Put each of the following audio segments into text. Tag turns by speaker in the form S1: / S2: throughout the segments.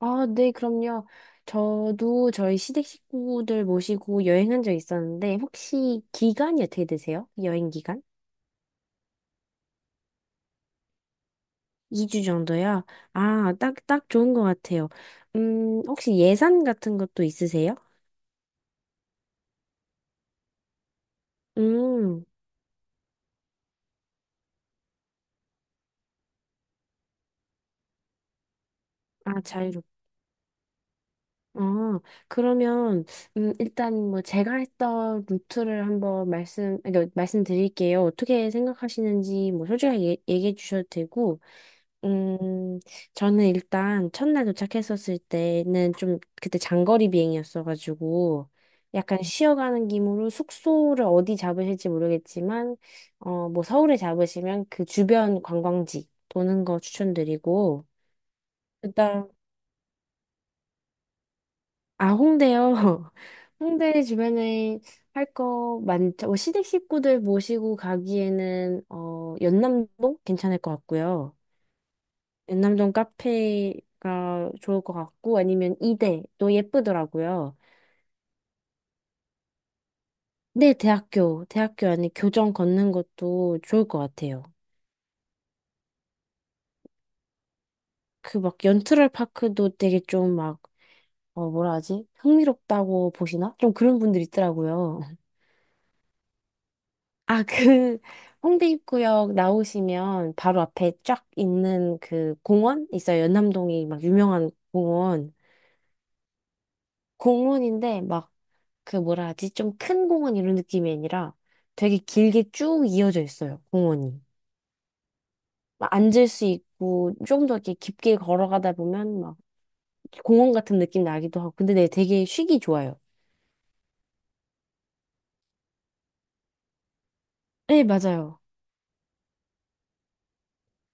S1: 아, 네, 그럼요. 저도 저희 시댁 식구들 모시고 여행한 적 있었는데, 혹시 기간이 어떻게 되세요? 여행 기간? 2주 정도요? 아, 딱 좋은 것 같아요. 혹시 예산 같은 것도 있으세요? 음, 아, 자유롭. 어, 그러면, 일단 뭐 제가 했던 루트를 한번 말씀드릴게요. 어떻게 생각하시는지 뭐 솔직하게 얘기해 주셔도 되고, 음, 저는 일단 첫날 도착했었을 때는 좀 그때 장거리 비행이었어가지고 약간 쉬어가는 김으로 숙소를 어디 잡으실지 모르겠지만 뭐 서울에 잡으시면 그 주변 관광지 도는 거 추천드리고 일단 아 홍대요. 홍대 주변에 할 거 많죠. 뭐 시댁 식구들 모시고 가기에는 연남동 괜찮을 것 같고요. 연남동 카페가 좋을 것 같고 아니면 이대도 예쁘더라고요. 네, 대학교 안에 교정 걷는 것도 좋을 것 같아요. 그 막 연트럴 파크도 되게 좀 막, 어, 뭐라 하지? 흥미롭다고 보시나? 좀 그런 분들 있더라고요. 아, 그 홍대 입구역 나오시면 바로 앞에 쫙 있는 그 공원 있어요. 연남동이 막 유명한 공원. 공원인데 막 그 뭐라 하지? 좀 큰 공원 이런 느낌이 아니라 되게 길게 쭉 이어져 있어요, 공원이. 막 앉을 수 있고 좀 더 이렇게 깊게 걸어가다 보면 막 공원 같은 느낌 나기도 하고. 근데 네, 되게 쉬기 좋아요. 네, 맞아요.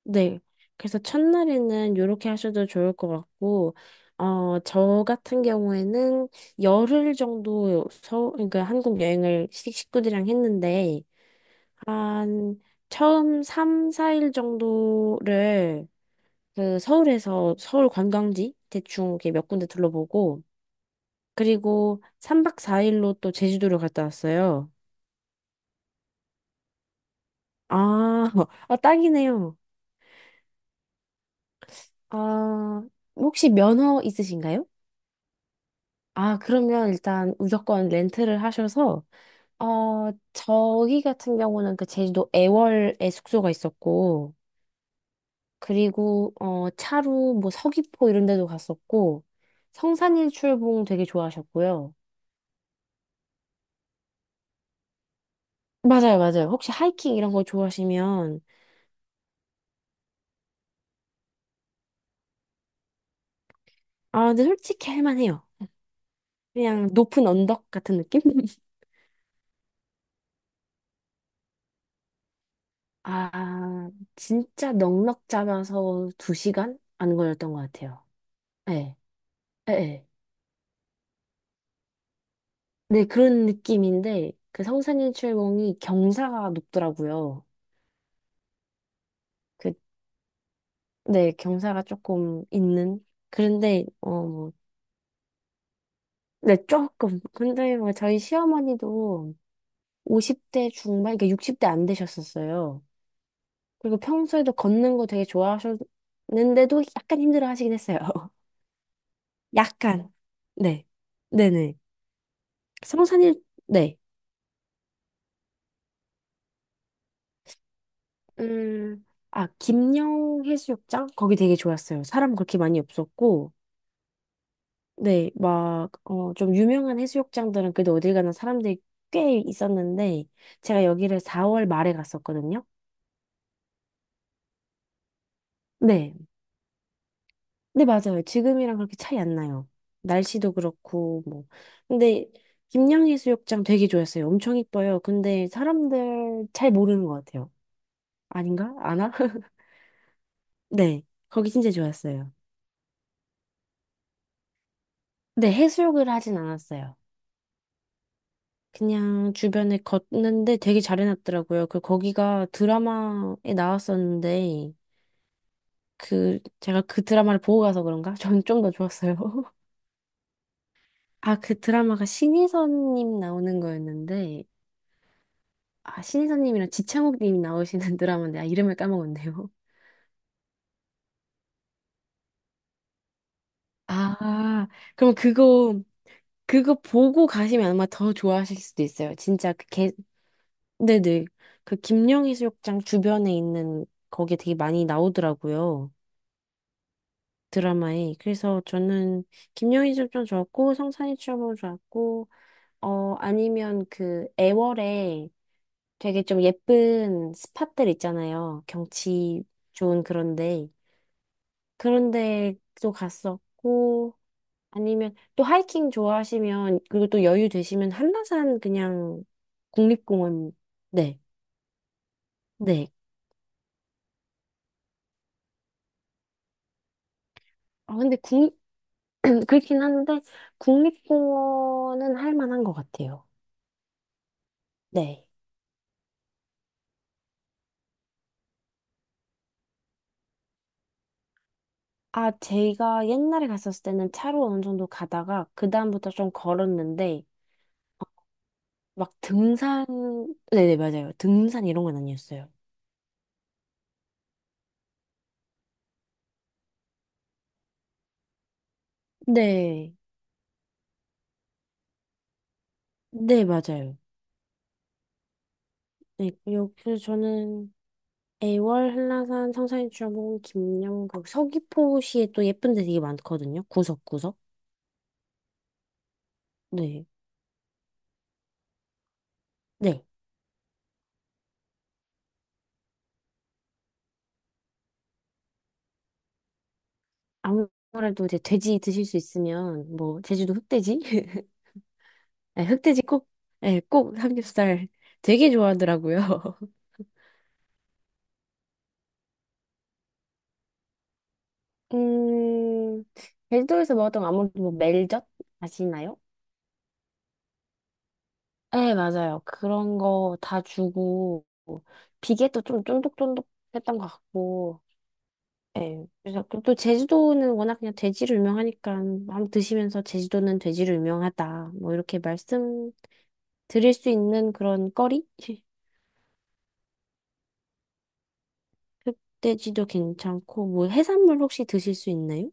S1: 네. 그래서 첫날에는 이렇게 하셔도 좋을 것 같고, 어, 저 같은 경우에는 10일 정도 서, 그러니까 한국 여행을 시- 식구들이랑 했는데, 한 처음 3, 4일 정도를 그 서울에서 서울 관광지 대충 이렇게 몇 군데 둘러보고 그리고 3박 4일로 또 제주도를 갔다 왔어요. 아, 아 딱이네요. 아, 혹시 면허 있으신가요? 아, 그러면 일단 무조건 렌트를 하셔서 어, 저희 같은 경우는 그 제주도 애월에 숙소가 있었고 그리고 차로 뭐 서귀포 이런 데도 갔었고 성산일출봉 되게 좋아하셨고요. 맞아요, 맞아요. 혹시 하이킹 이런 거 좋아하시면, 아, 근데 솔직히 할만해요. 그냥 높은 언덕 같은 느낌? 아, 진짜 넉넉 잡아서 2시간? 안 걸렸던 것 같아요. 네, 네, 네. 네, 그런 느낌인데, 그 성산일출봉이 경사가 높더라고요. 그, 네, 경사가 조금 있는. 그런데, 어, 뭐, 네, 조금. 근데 뭐 저희 시어머니도 50대 중반, 그러니까 60대 안 되셨었어요. 그리고 평소에도 걷는 거 되게 좋아하셨는데도 약간 힘들어 하시긴 했어요. 약간. 네. 네네. 성산일, 네. 음, 아, 김영 해수욕장? 거기 되게 좋았어요. 사람 그렇게 많이 없었고, 네, 막, 어, 좀 유명한 해수욕장들은 그래도 어딜 가나 사람들이 꽤 있었는데, 제가 여기를 4월 말에 갔었거든요. 네. 네, 맞아요. 지금이랑 그렇게 차이 안 나요. 날씨도 그렇고, 뭐. 근데, 김양해수욕장 되게 좋았어요. 엄청 이뻐요. 근데 사람들 잘 모르는 것 같아요. 아닌가? 아나? 네. 거기 진짜 좋았어요. 근데 해수욕을 하진 않았어요. 그냥 주변에 걷는데 되게 잘 해놨더라고요. 그, 거기가 드라마에 나왔었는데, 그, 제가 그 드라마를 보고 가서 그런가? 전 좀 더 좋았어요. 아, 그 드라마가 신희선님 나오는 거였는데, 아, 신인사님이랑 지창욱님이 나오시는 드라마 데아 이름을 까먹었네요. 아, 그럼 그거, 그거 보고 가시면 아마 더 좋아하실 수도 있어요. 진짜 그 개, 네네. 그 김녕해수욕장 주변에 있는 거기에 되게 많이 나오더라고요. 드라마에. 그래서 저는 김녕해수욕장 좋았고, 성산이 추억도 좋았고, 아니면 그 애월에 되게 좀 예쁜 스팟들 있잖아요. 경치 좋은 그런데. 그런 데도 갔었고, 아니면 또 하이킹 좋아하시면, 그리고 또 여유 되시면 한라산 그냥 국립공원, 네, 네. 아, 근데 국, 그렇긴 한데, 국립공원은 할 만한 것 같아요. 네. 아, 제가 옛날에 갔었을 때는 차로 어느 정도 가다가, 그다음부터 좀 걸었는데, 막 등산, 네네, 맞아요. 등산 이런 건 아니었어요. 네. 네, 맞아요. 네, 요- 그래서 저는 애월, 한라산, 성산일출봉, 김영국, 서귀포시에 또 예쁜 데 되게 많거든요. 구석구석. 네. 네. 아무래도 이제 돼지 드실 수 있으면, 뭐, 제주도 흑돼지? 네, 흑돼지 꼭, 네, 꼭 삼겹살 되게 좋아하더라고요. 음, 제주도에서 먹었던 거 아무래도 뭐 멜젓 아시나요? 네, 맞아요. 그런 거 다 주고, 비계도 좀 쫀득쫀득했던 것 같고, 예. 그래서 그또 제주도는 워낙 그냥 돼지로 유명하니까 한번 드시면서 제주도는 돼지로 유명하다. 뭐 이렇게 말씀 드릴 수 있는 그런 거리? 흑돼지도 괜찮고 뭐 해산물 혹시 드실 수 있나요?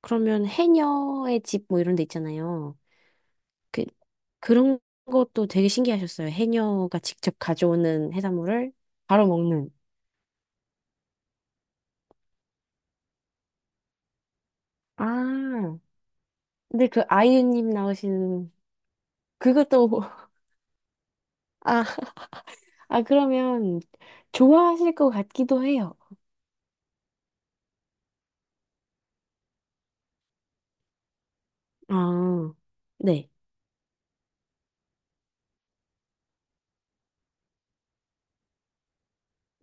S1: 그러면 해녀의 집 뭐 이런 데 있잖아요. 그 그런 것도 되게 신기하셨어요. 해녀가 직접 가져오는 해산물을 바로 먹는. 아, 근데 그 아이유님 나오시는 그것도 아, 그러면 좋아하실 것 같기도 해요. 아, 네.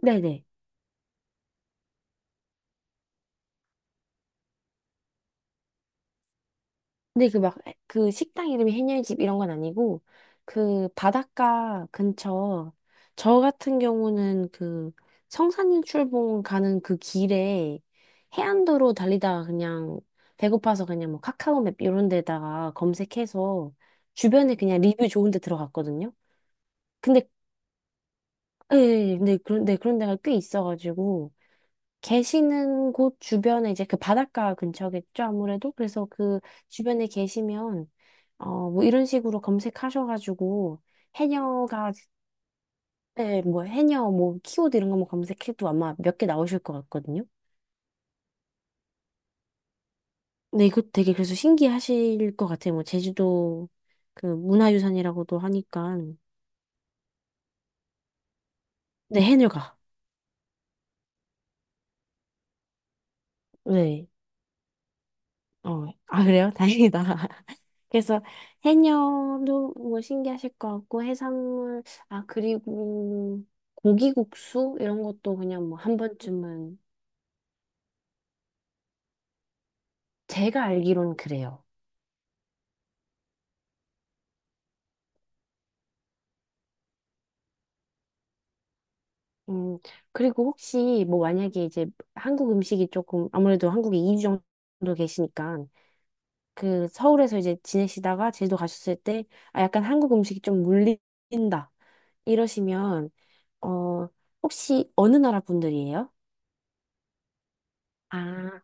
S1: 네네. 근데 그 막, 그 식당 이름이 해녀집 이런 건 아니고, 그 바닷가 근처, 저 같은 경우는 그 성산인 출봉 가는 그 길에 해안도로 달리다가 그냥 배고파서 그냥 뭐 카카오맵 이런 데다가 검색해서 주변에 그냥 리뷰 좋은 데 들어갔거든요. 근데, 예, 예, 예. 근데 그런 데가 꽤 있어가지고, 계시는 곳 주변에 이제 그 바닷가 근처겠죠, 아무래도. 그래서 그 주변에 계시면, 뭐 이런 식으로 검색하셔가지고, 해녀가, 네, 뭐 해녀, 뭐 키워드 이런 거뭐 검색해도 아마 몇 개 나오실 것 같거든요. 근데 이거 되게 그래서 신기하실 것 같아요. 뭐 제주도 그 문화유산이라고도 하니까. 네, 해녀가. 네. 어, 아, 그래요? 다행이다. 그래서 해녀도 뭐 신기하실 것 같고, 해산물, 아, 그리고 고기국수? 이런 것도 그냥 뭐 한 번쯤은, 제가 알기로는 그래요. 음, 그리고 혹시 뭐 만약에 이제 한국 음식이 조금, 아무래도 한국에 2주 정도 계시니까, 그 서울에서 이제 지내시다가 제주도 가셨을 때, 아, 약간 한국 음식이 좀 물린다. 이러시면, 어, 혹시 어느 나라 분들이에요? 아,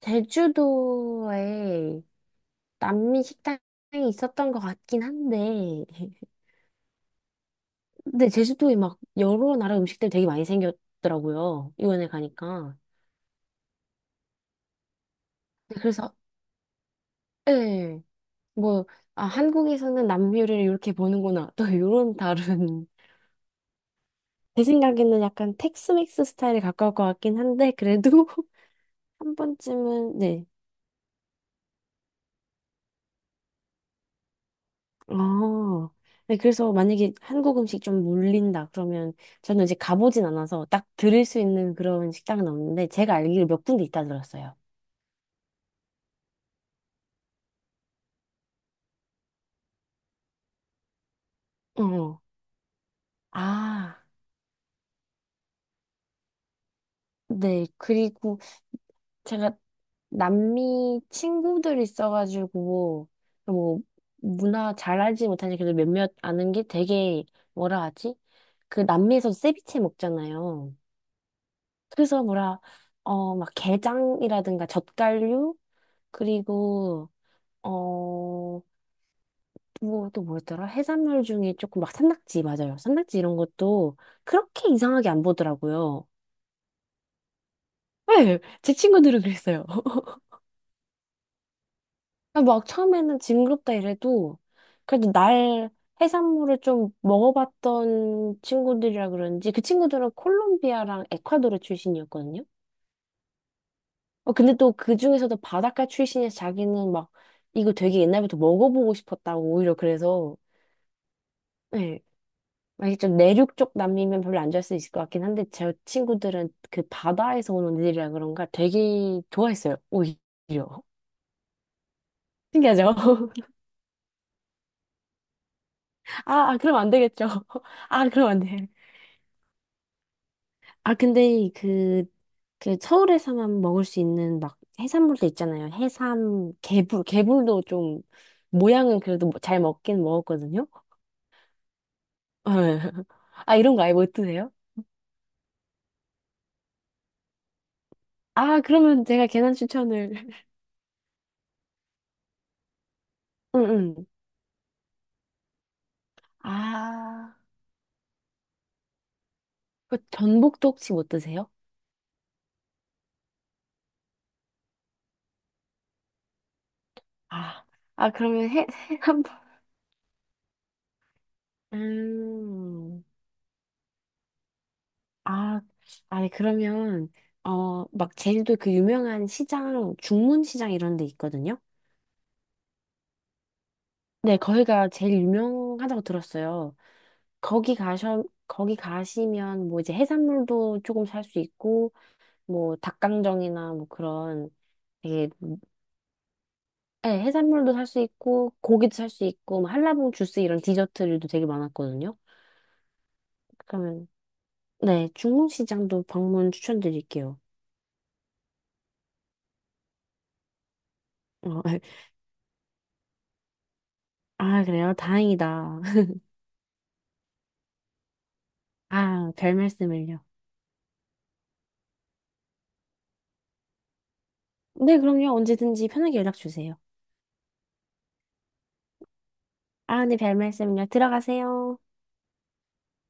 S1: 제주도에 남미 식당이 있었던 것 같긴 한데, 근데 제주도에 막 여러 나라 음식들 되게 많이 생겼더라고요. 유엔에 가니까. 네, 그래서, 예, 뭐, 아, 한국에서는 남미 요리를 이렇게 보는구나. 또 이런 다른. 제 생각에는 약간 텍스맥스 스타일에 가까울 것 같긴 한데, 그래도 한 번쯤은, 네, 아, 네, 그래서 만약에 한국 음식 좀 물린다 그러면 저는 이제 가보진 않아서 딱 들을 수 있는 그런 식당은 없는데 제가 알기로 몇 군데 있다 들었어요. 어. 아, 네. 그리고 제가 남미 친구들 있어가지고 뭐 문화 잘 알지 못하니 그래도 몇몇 아는 게 되게 뭐라 하지? 그 남미에서 세비체 먹잖아요. 그래서 뭐라 어 막 게장이라든가 젓갈류 그리고 어, 뭐, 또 뭐였더라? 해산물 중에 조금 막 산낙지, 맞아요. 산낙지 이런 것도 그렇게 이상하게 안 보더라고요. 네, 제 친구들은 그랬어요. 아, 막 처음에는 징그럽다 이래도 그래도 날 해산물을 좀 먹어봤던 친구들이라 그런지 그 친구들은 콜롬비아랑 에콰도르 출신이었거든요. 어, 근데 또 그 중에서도 바닷가 출신이어서 자기는 막 이거 되게 옛날부터 먹어보고 싶었다고 오히려 그래서 네, 만약에 좀 내륙 쪽 남미면 별로 안 좋아할 수 있을 것 같긴 한데 제 친구들은 그 바다에서 오는 일이라 그런가 되게 좋아했어요. 오히려. 신기하죠? 아, 그럼 안 되겠죠. 아, 그럼 안 돼. 아, 근데 그 서울에서만 먹을 수 있는 막 해산물도 있잖아요. 해삼, 개불도 좀 모양은 그래도 뭐잘 먹긴 먹었거든요. 아, 이런 거 아예 못 드세요? 아, 그러면 제가 괜한 추천을. 응, 응. 아. 그 전복도 혹시 못 드세요? 아, 아, 그러면 한 번. 음, 아, 아니, 그러면, 어, 막 제주도 그 유명한 시장, 중문시장 이런 데 있거든요? 네, 거기가 제일 유명하다고 들었어요. 거기 가셔, 거기 가시면 뭐 이제 해산물도 조금 살 수 있고, 뭐 닭강정이나 뭐 그런 되게, 네, 해산물도 살 수 있고, 고기도 살 수 있고, 뭐 한라봉 주스 이런 디저트류도 되게 많았거든요. 그러면 네, 중국 시장도 방문 추천드릴게요. 어, 아, 그래요? 다행이다. 아, 별 말씀을요. 네, 그럼요. 언제든지 편하게 연락 주세요. 아, 네, 별 말씀을요. 들어가세요.